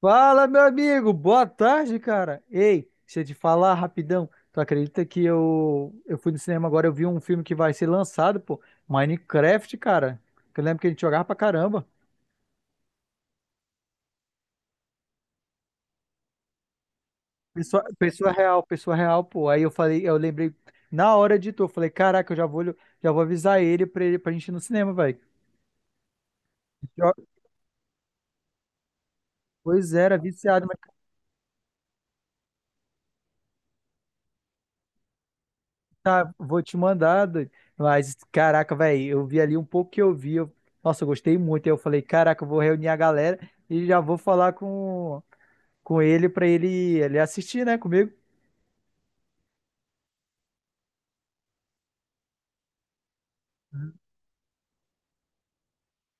Fala, meu amigo, boa tarde, cara. Ei, deixa eu te falar rapidão. Tu acredita que eu fui no cinema agora, eu vi um filme que vai ser lançado, pô, Minecraft, cara. Que eu lembro que a gente jogava pra caramba. Pessoa real, pô. Aí eu falei, eu lembrei na hora de tu, eu falei, caraca, já vou avisar ele pra gente ir no cinema, velho. Jo- Pois era, viciado. Tá, vou te mandar, doido. Mas, caraca, velho, eu vi ali um pouco que eu vi. Nossa, eu gostei muito. Aí eu falei, caraca, eu vou reunir a galera e já vou com ele ele assistir, né, comigo.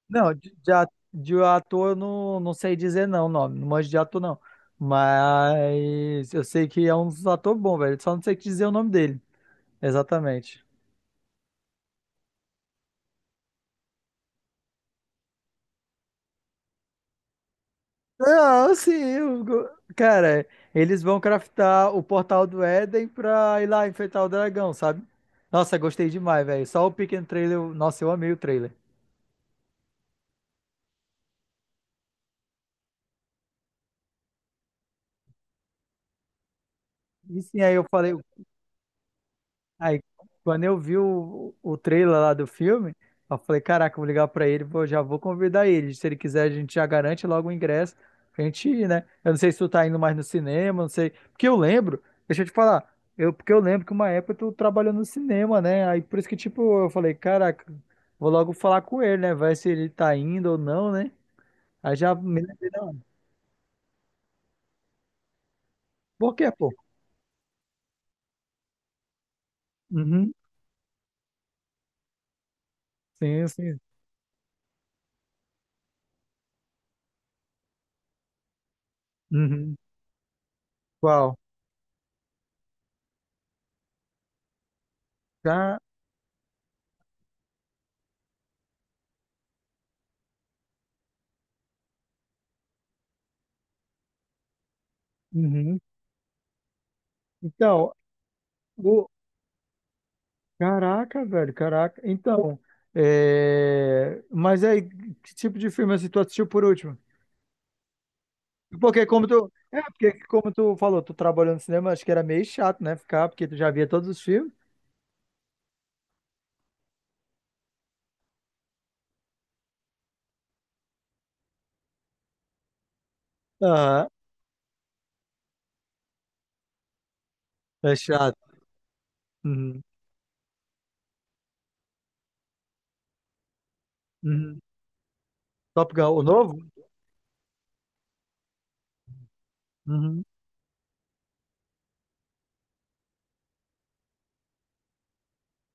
Não, de ator eu não sei dizer não, o nome. Não manjo de ator, não. Mas eu sei que é um ator bom, velho. Só não sei dizer o nome dele. Exatamente. Não, sim. Cara, eles vão craftar o portal do Éden pra ir lá enfrentar o dragão, sabe? Nossa, gostei demais, velho. Só o pequeno trailer. Nossa, eu amei o trailer. E sim, aí eu falei, aí, quando eu vi o trailer lá do filme, eu falei, caraca, eu vou ligar pra ele, vou, já vou convidar ele. Se ele quiser, a gente já garante logo o ingresso pra gente ir, né? Eu não sei se tu tá indo mais no cinema, não sei. Porque eu lembro, deixa eu te falar, eu, Porque eu lembro que uma época tu trabalhou no cinema, né? Aí por isso que, tipo, eu falei, caraca, vou logo falar com ele, né? Vai se ele tá indo ou não, né? Aí já me lembrei, não. Por quê, pô? Uhum. Sim, sim. Uhum. Qual? Já. Uhum. Então, o, caraca, velho, caraca. Então, é... mas aí, que tipo de filme assim, tu assistiu por último? Porque como tu falou, tu trabalhou no cinema, acho que era meio chato, né, ficar, porque tu já via todos os filmes. Ah, é chato. Uhum, uhum. Top Gun, o novo? Uhum,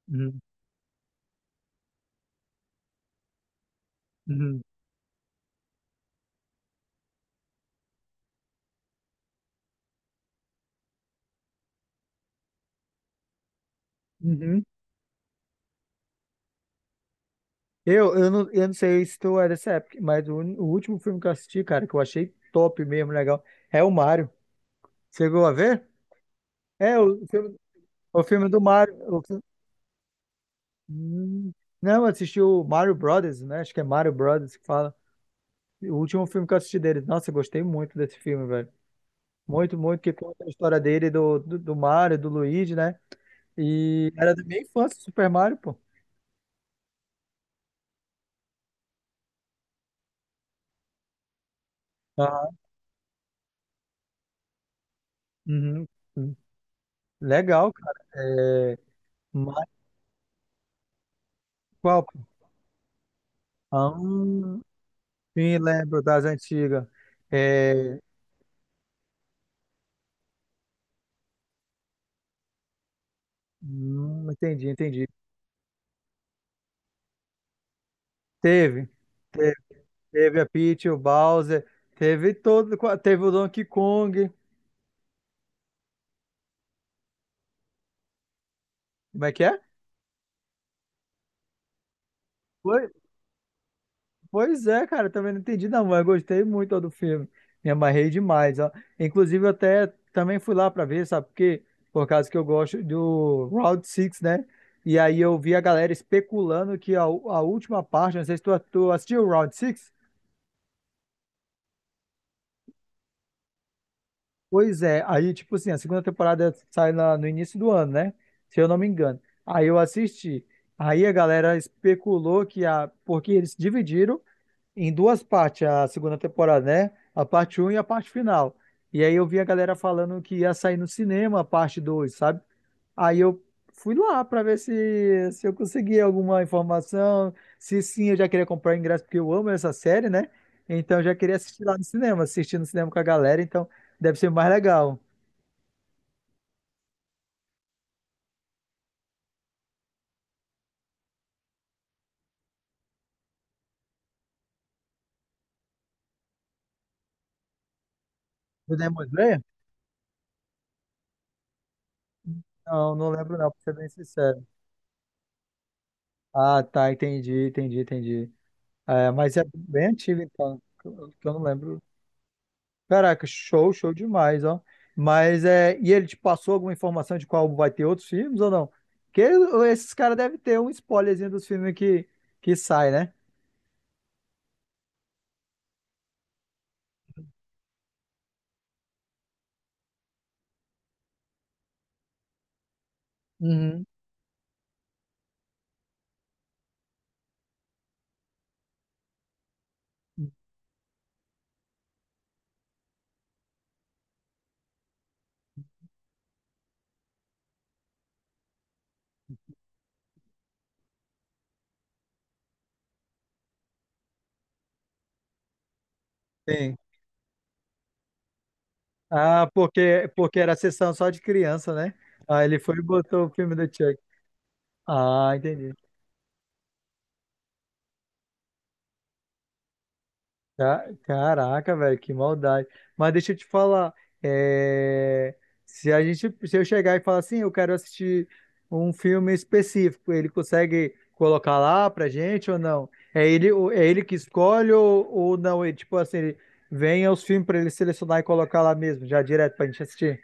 uhum, uhum, uhum. Eu não sei se tu é dessa época, mas o último filme que eu assisti, cara, que eu achei top mesmo, legal, é o Mario. Chegou a ver? É, o filme do Mario. Hum. Não, eu assisti o Mario Brothers, né? Acho que é Mario Brothers que fala. O último filme que eu assisti deles. Nossa, eu gostei muito desse filme, velho. Muito, muito, que conta a história dele, do Mario, do Luigi, né? E era da minha infância, Super Mario, pô. Ah, uhum. Hum. Legal, cara. É... Mario qual, pô? Ah, sim, lembro das antigas. É... entendi, entendi. Teve, teve, teve a Peach, o Bowser, teve todo, teve o Donkey Kong. Como é que é? Pois, Pois é, cara, também não entendi não, mas gostei muito, ó, do filme. Me amarrei demais, ó. Inclusive, eu até também fui lá pra ver, sabe por quê? Por causa que eu gosto do Round Six, né? E aí eu vi a galera especulando a última parte, não sei se tu, tu assistiu o Round Six. Pois é, aí, tipo assim, a segunda temporada sai no início do ano, né? Se eu não me engano. Aí eu assisti. Aí a galera especulou que a, porque eles dividiram em duas partes a segunda temporada, né? A parte um e a parte final. E aí eu vi a galera falando que ia sair no cinema a parte 2, sabe? Aí eu fui lá pra ver se eu conseguia alguma informação. Se sim, eu já queria comprar o ingresso, porque eu amo essa série, né? Então eu já queria assistir lá no cinema, assistir no cinema com a galera, então deve ser mais legal. Do Demon Slayer? Não, não lembro não, pra ser bem sincero. Ah, tá, entendi, entendi, entendi. É, mas é bem antigo, então, que eu não lembro. Caraca, show, show demais, ó. Mas é, e ele te passou alguma informação de qual vai ter outros filmes ou não? Porque esses caras devem ter um spoilerzinho dos filmes que sai, né? Uhum. Sim. Ah, porque, porque era sessão só de criança, né? Ah, ele foi e botou o filme do Chuck. Ah, entendi. Caraca, velho, que maldade. Mas deixa eu te falar, é, se a gente, se eu chegar e falar assim, eu quero assistir um filme específico, ele consegue colocar lá pra gente ou não? É ele, é ele que escolhe ou não? Ele, tipo assim, ele vem aos filmes pra ele selecionar e colocar lá mesmo, já direto pra gente assistir.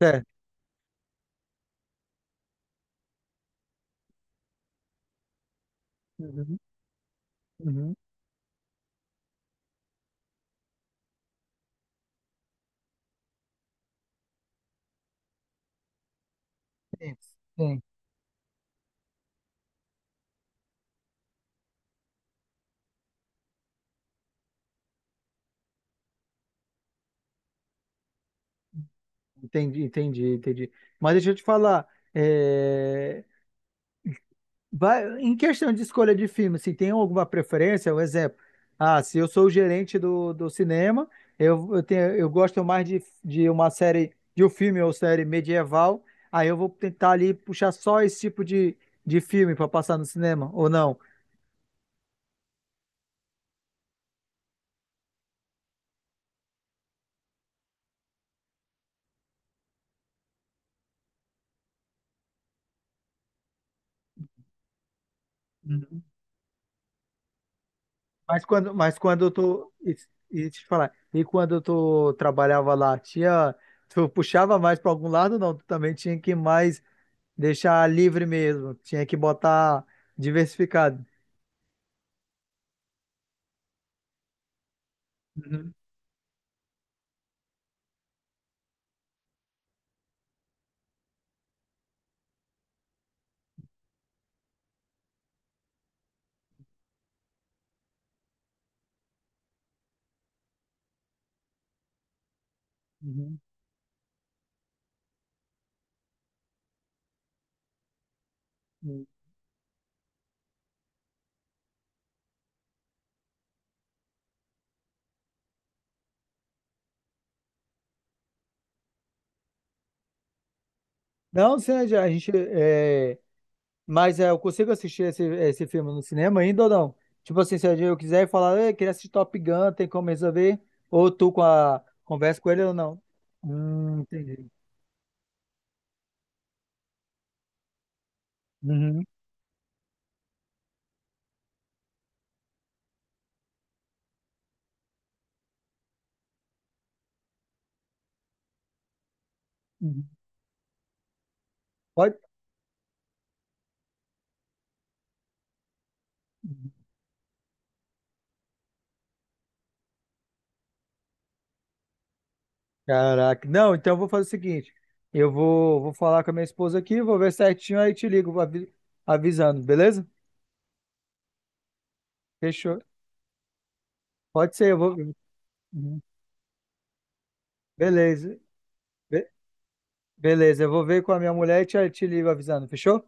Certo. Uhum, uhum. Sim, sim. Entendi, entendi, entendi. Mas deixa eu te falar, eh, vai, em questão de escolha de filme, se tem alguma preferência, um exemplo. Ah, se eu sou o gerente do cinema, tenho, eu gosto mais de uma série, de um filme ou série medieval, aí eu vou tentar ali puxar só esse tipo de filme para passar no cinema, ou não. Uhum. Mas quando eu tô. E deixa eu te falar, e quando eu tô, trabalhava lá, tinha. Tu puxava mais para algum lado, não. Tu também tinha que mais deixar livre mesmo. Tinha que botar diversificado. Uhum, uhum, uhum. Não, sim, a gente. É... Mas é, eu consigo assistir esse filme no cinema ainda ou não? Tipo assim, se eu quiser e falar, eu queria assistir Top Gun, tem como resolver? Ou tu com a conversa com ele ou não? Entendi. Uhum, uhum. Pode? Caraca. Não, então eu vou fazer o seguinte: vou falar com a minha esposa aqui, vou ver certinho, aí te ligo avisando, beleza? Fechou. Pode ser, eu vou. Uhum. Beleza. Beleza, eu vou ver com a minha mulher e te ligo avisando, fechou?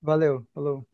Valeu, falou.